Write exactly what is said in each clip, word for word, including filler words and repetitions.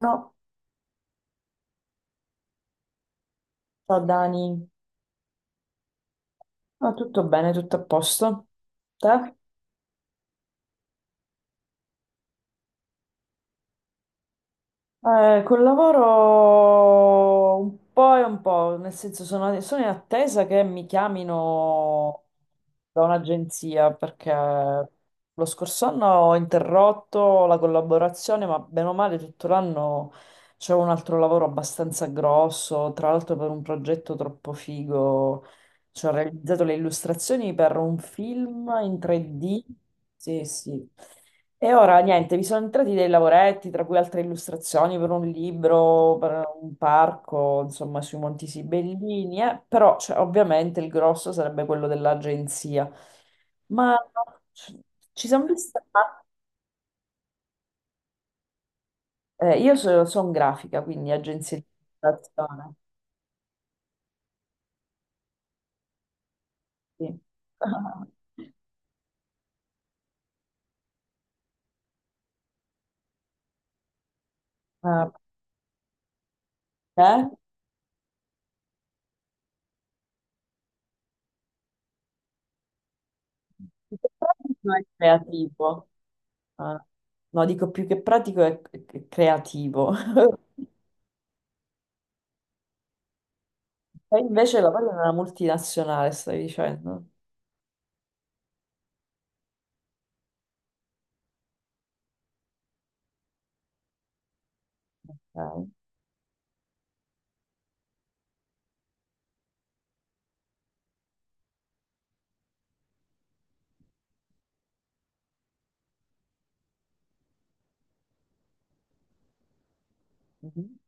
No, ciao Dani. No, tutto bene, tutto a posto. Te? Eh, col lavoro un po' e un po', nel senso sono, sono in attesa che mi chiamino da un'agenzia perché lo scorso anno ho interrotto la collaborazione, ma bene o male tutto l'anno c'è un altro lavoro abbastanza grosso, tra l'altro per un progetto troppo figo. Ci ho realizzato le illustrazioni per un film in tre D. Sì, sì. E ora niente, vi sono entrati dei lavoretti, tra cui altre illustrazioni per un libro, per un parco, insomma, sui Monti Sibellini, eh. Però cioè, ovviamente il grosso sarebbe quello dell'agenzia. Ma ci ci siamo visti. Eh, io sono grafica, quindi agenzia di illustrazione. Sì. Ah, eh? Il tuo progetto è creativo. Ah, no, dico più che pratico è è creativo. E invece lavori in una multinazionale, stai dicendo? Ok. Mhm.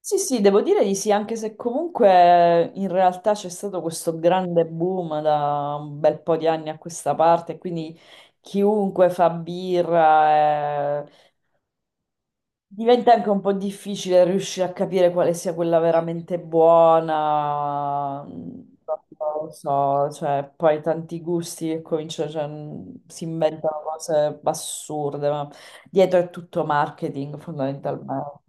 Sì, sì, devo dire di sì, anche se comunque eh, in realtà c'è stato questo grande boom da un bel po' di anni a questa parte, quindi chiunque fa birra, eh, Diventa anche un po' difficile riuscire a capire quale sia quella veramente buona, non lo so, cioè poi tanti gusti che cominciano, cioè, mh, si inventano cose assurde, ma dietro è tutto marketing fondamentalmente.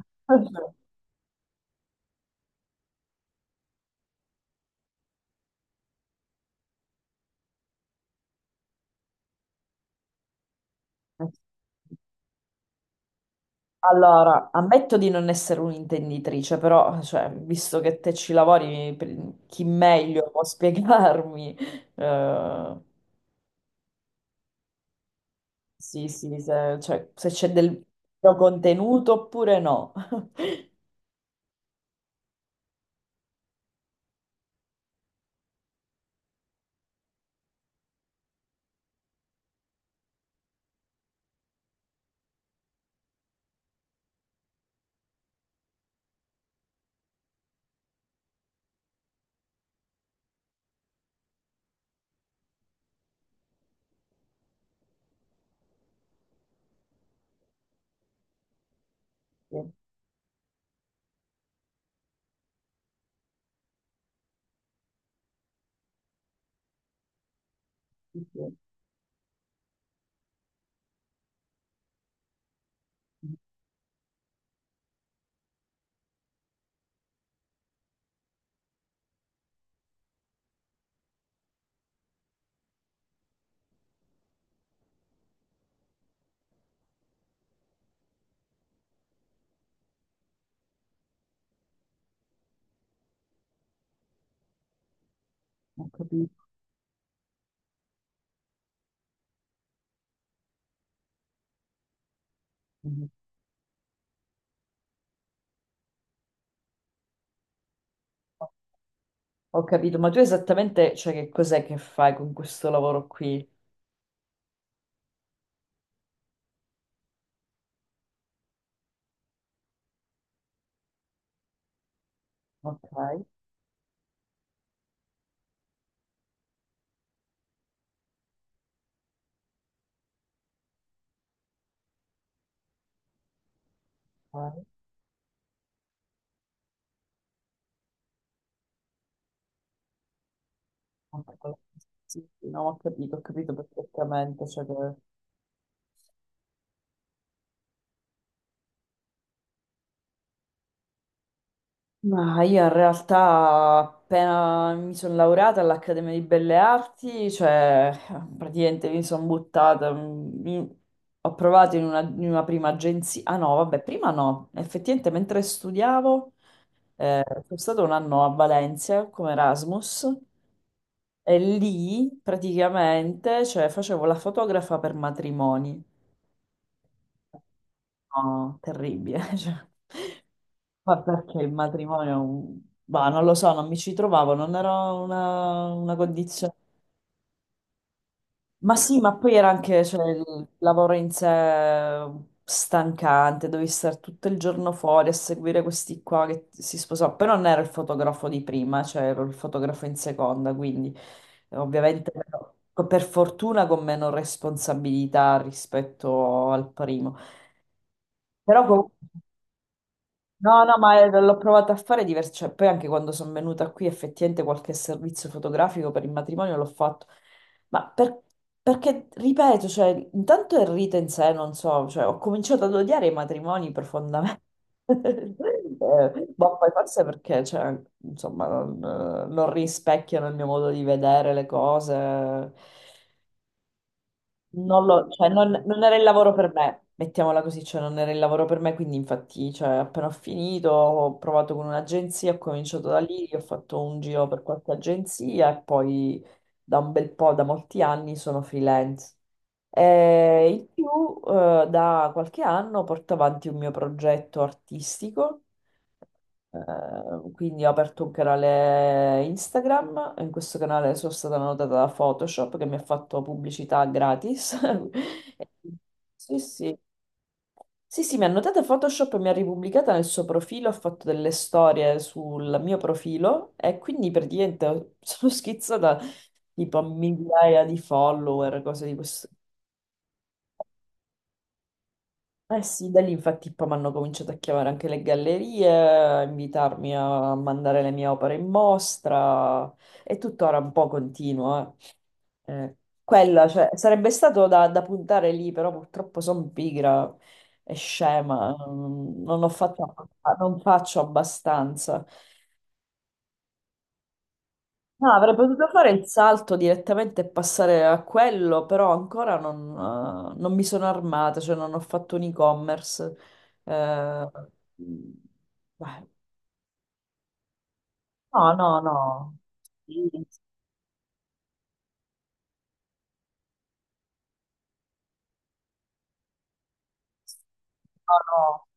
Allora, ammetto di non essere un'intenditrice, però cioè, visto che te ci lavori, mi- chi meglio può spiegarmi? eh, Sì, sì, se, cioè, se c'è del vero contenuto oppure no. Sì, sì, sì. Ho capito. Mhm. Ho capito, ma tu esattamente, cioè, che cos'è che fai con questo lavoro qui? Ok, ok. Ok, sì, sì, no, ho capito, ho capito perfettamente, cioè, che ma io in realtà appena mi sono laureata all'Accademia di Belle Arti, cioè praticamente mi sono buttata, mm, mi- ho provato in una, in una prima agenzia, ah no, vabbè, prima no, effettivamente mentre studiavo eh, sono stato un anno a Valencia come Erasmus e lì praticamente cioè, facevo la fotografa per matrimoni. No, terribile, cioè. Ma perché il matrimonio, è un- bah, non lo so, non mi ci trovavo, non era una, una condizione. Ma sì, ma poi era anche, cioè, il lavoro in sé stancante, dovevi stare tutto il giorno fuori a seguire questi qua che si sposò. Però non ero il fotografo di prima, cioè ero il fotografo in seconda, quindi eh, ovviamente però, per fortuna con meno responsabilità rispetto al primo. Però comunque. No, no, ma eh, l'ho provato a fare diverso, cioè, poi anche quando sono venuta qui effettivamente qualche servizio fotografico per il matrimonio l'ho fatto, ma per- perché, ripeto, cioè, intanto il rito in sé, non so, cioè, ho cominciato ad odiare i matrimoni profondamente. Eh, boh, poi forse perché, cioè, insomma, non, eh, non rispecchiano il mio modo di vedere le cose, non lo- cioè, non- non era il lavoro per me, mettiamola così, cioè non era il lavoro per me, quindi infatti, cioè, appena ho finito, ho provato con un'agenzia, ho cominciato da lì, ho fatto un giro per qualche agenzia e poi da un bel po', da molti anni, sono freelance. E in più, eh, da qualche anno porto avanti un mio progetto artistico eh, quindi ho aperto un canale Instagram, in questo canale sono stata notata da Photoshop che mi ha fatto pubblicità gratis. Sì, sì. Sì, sì, mi ha notata Photoshop e mi ha ripubblicata nel suo profilo, ha fatto delle storie sul mio profilo e quindi praticamente sono schizzata tipo a migliaia di follower, cose di questo. Eh sì, da lì infatti poi mi hanno cominciato a chiamare anche le gallerie, a invitarmi a mandare le mie opere in mostra e tuttora un po' continuo. eh. Eh, quella, cioè, sarebbe stato da, da puntare lì, però purtroppo sono pigra e scema, mm, non ho fatto, abba- non faccio abbastanza. No, avrei potuto fare il salto direttamente e passare a quello, però ancora non, eh, non mi sono armata, cioè non ho fatto un e-commerce. Eh, mm, beh, no, no, no. Sì, sì, sì. No, no.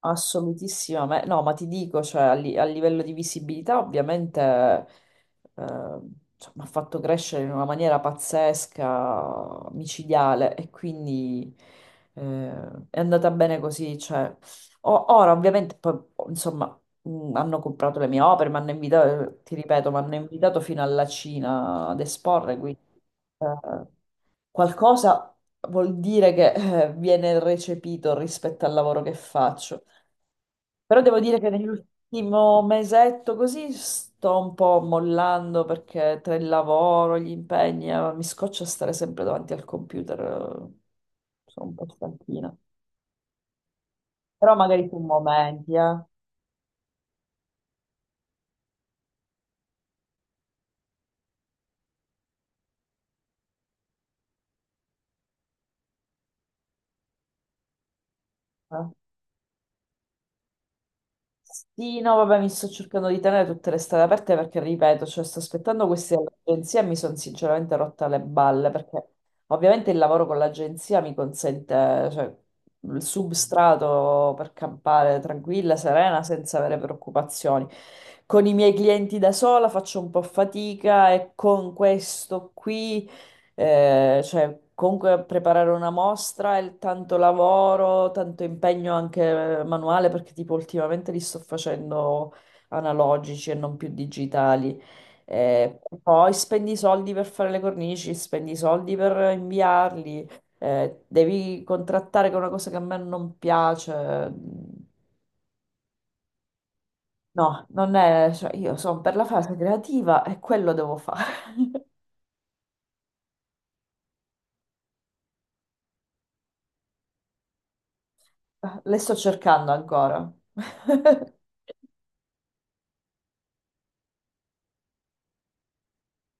Assolutissima, ma- no, ma ti dico, cioè, a, li- a livello di visibilità ovviamente eh, cioè, mi ha fatto crescere in una maniera pazzesca, micidiale e quindi eh, è andata bene così. Cioè. O- ora ovviamente, poi, insomma, mh, hanno comprato le mie opere, mi hanno invitato, ti ripeto, mi hanno invitato fino alla Cina ad esporre, quindi eh, qualcosa vuol dire che eh, viene recepito rispetto al lavoro che faccio. Però devo dire che nell'ultimo mesetto così sto un po' mollando perché tra il lavoro, gli impegni, eh, mi scoccia stare sempre davanti al computer. eh, Sono un po' stanchina. Però magari su momenti, eh. Eh. Sì, no, vabbè, mi sto cercando di tenere tutte le strade aperte perché, ripeto, cioè, sto aspettando queste agenzie e mi sono sinceramente rotta le balle perché ovviamente il lavoro con l'agenzia mi consente, cioè, il substrato per campare tranquilla, serena, senza avere preoccupazioni. Con i miei clienti da sola faccio un po' fatica e con questo qui... Eh, cioè, comunque preparare una mostra è tanto lavoro, tanto impegno anche eh, manuale, perché tipo ultimamente li sto facendo analogici e non più digitali. Eh, poi spendi i soldi per fare le cornici, spendi i soldi per inviarli, eh, devi contrattare con una cosa che a me non piace. No, non è, cioè, io sono per la fase creativa e quello devo fare. Le sto cercando ancora.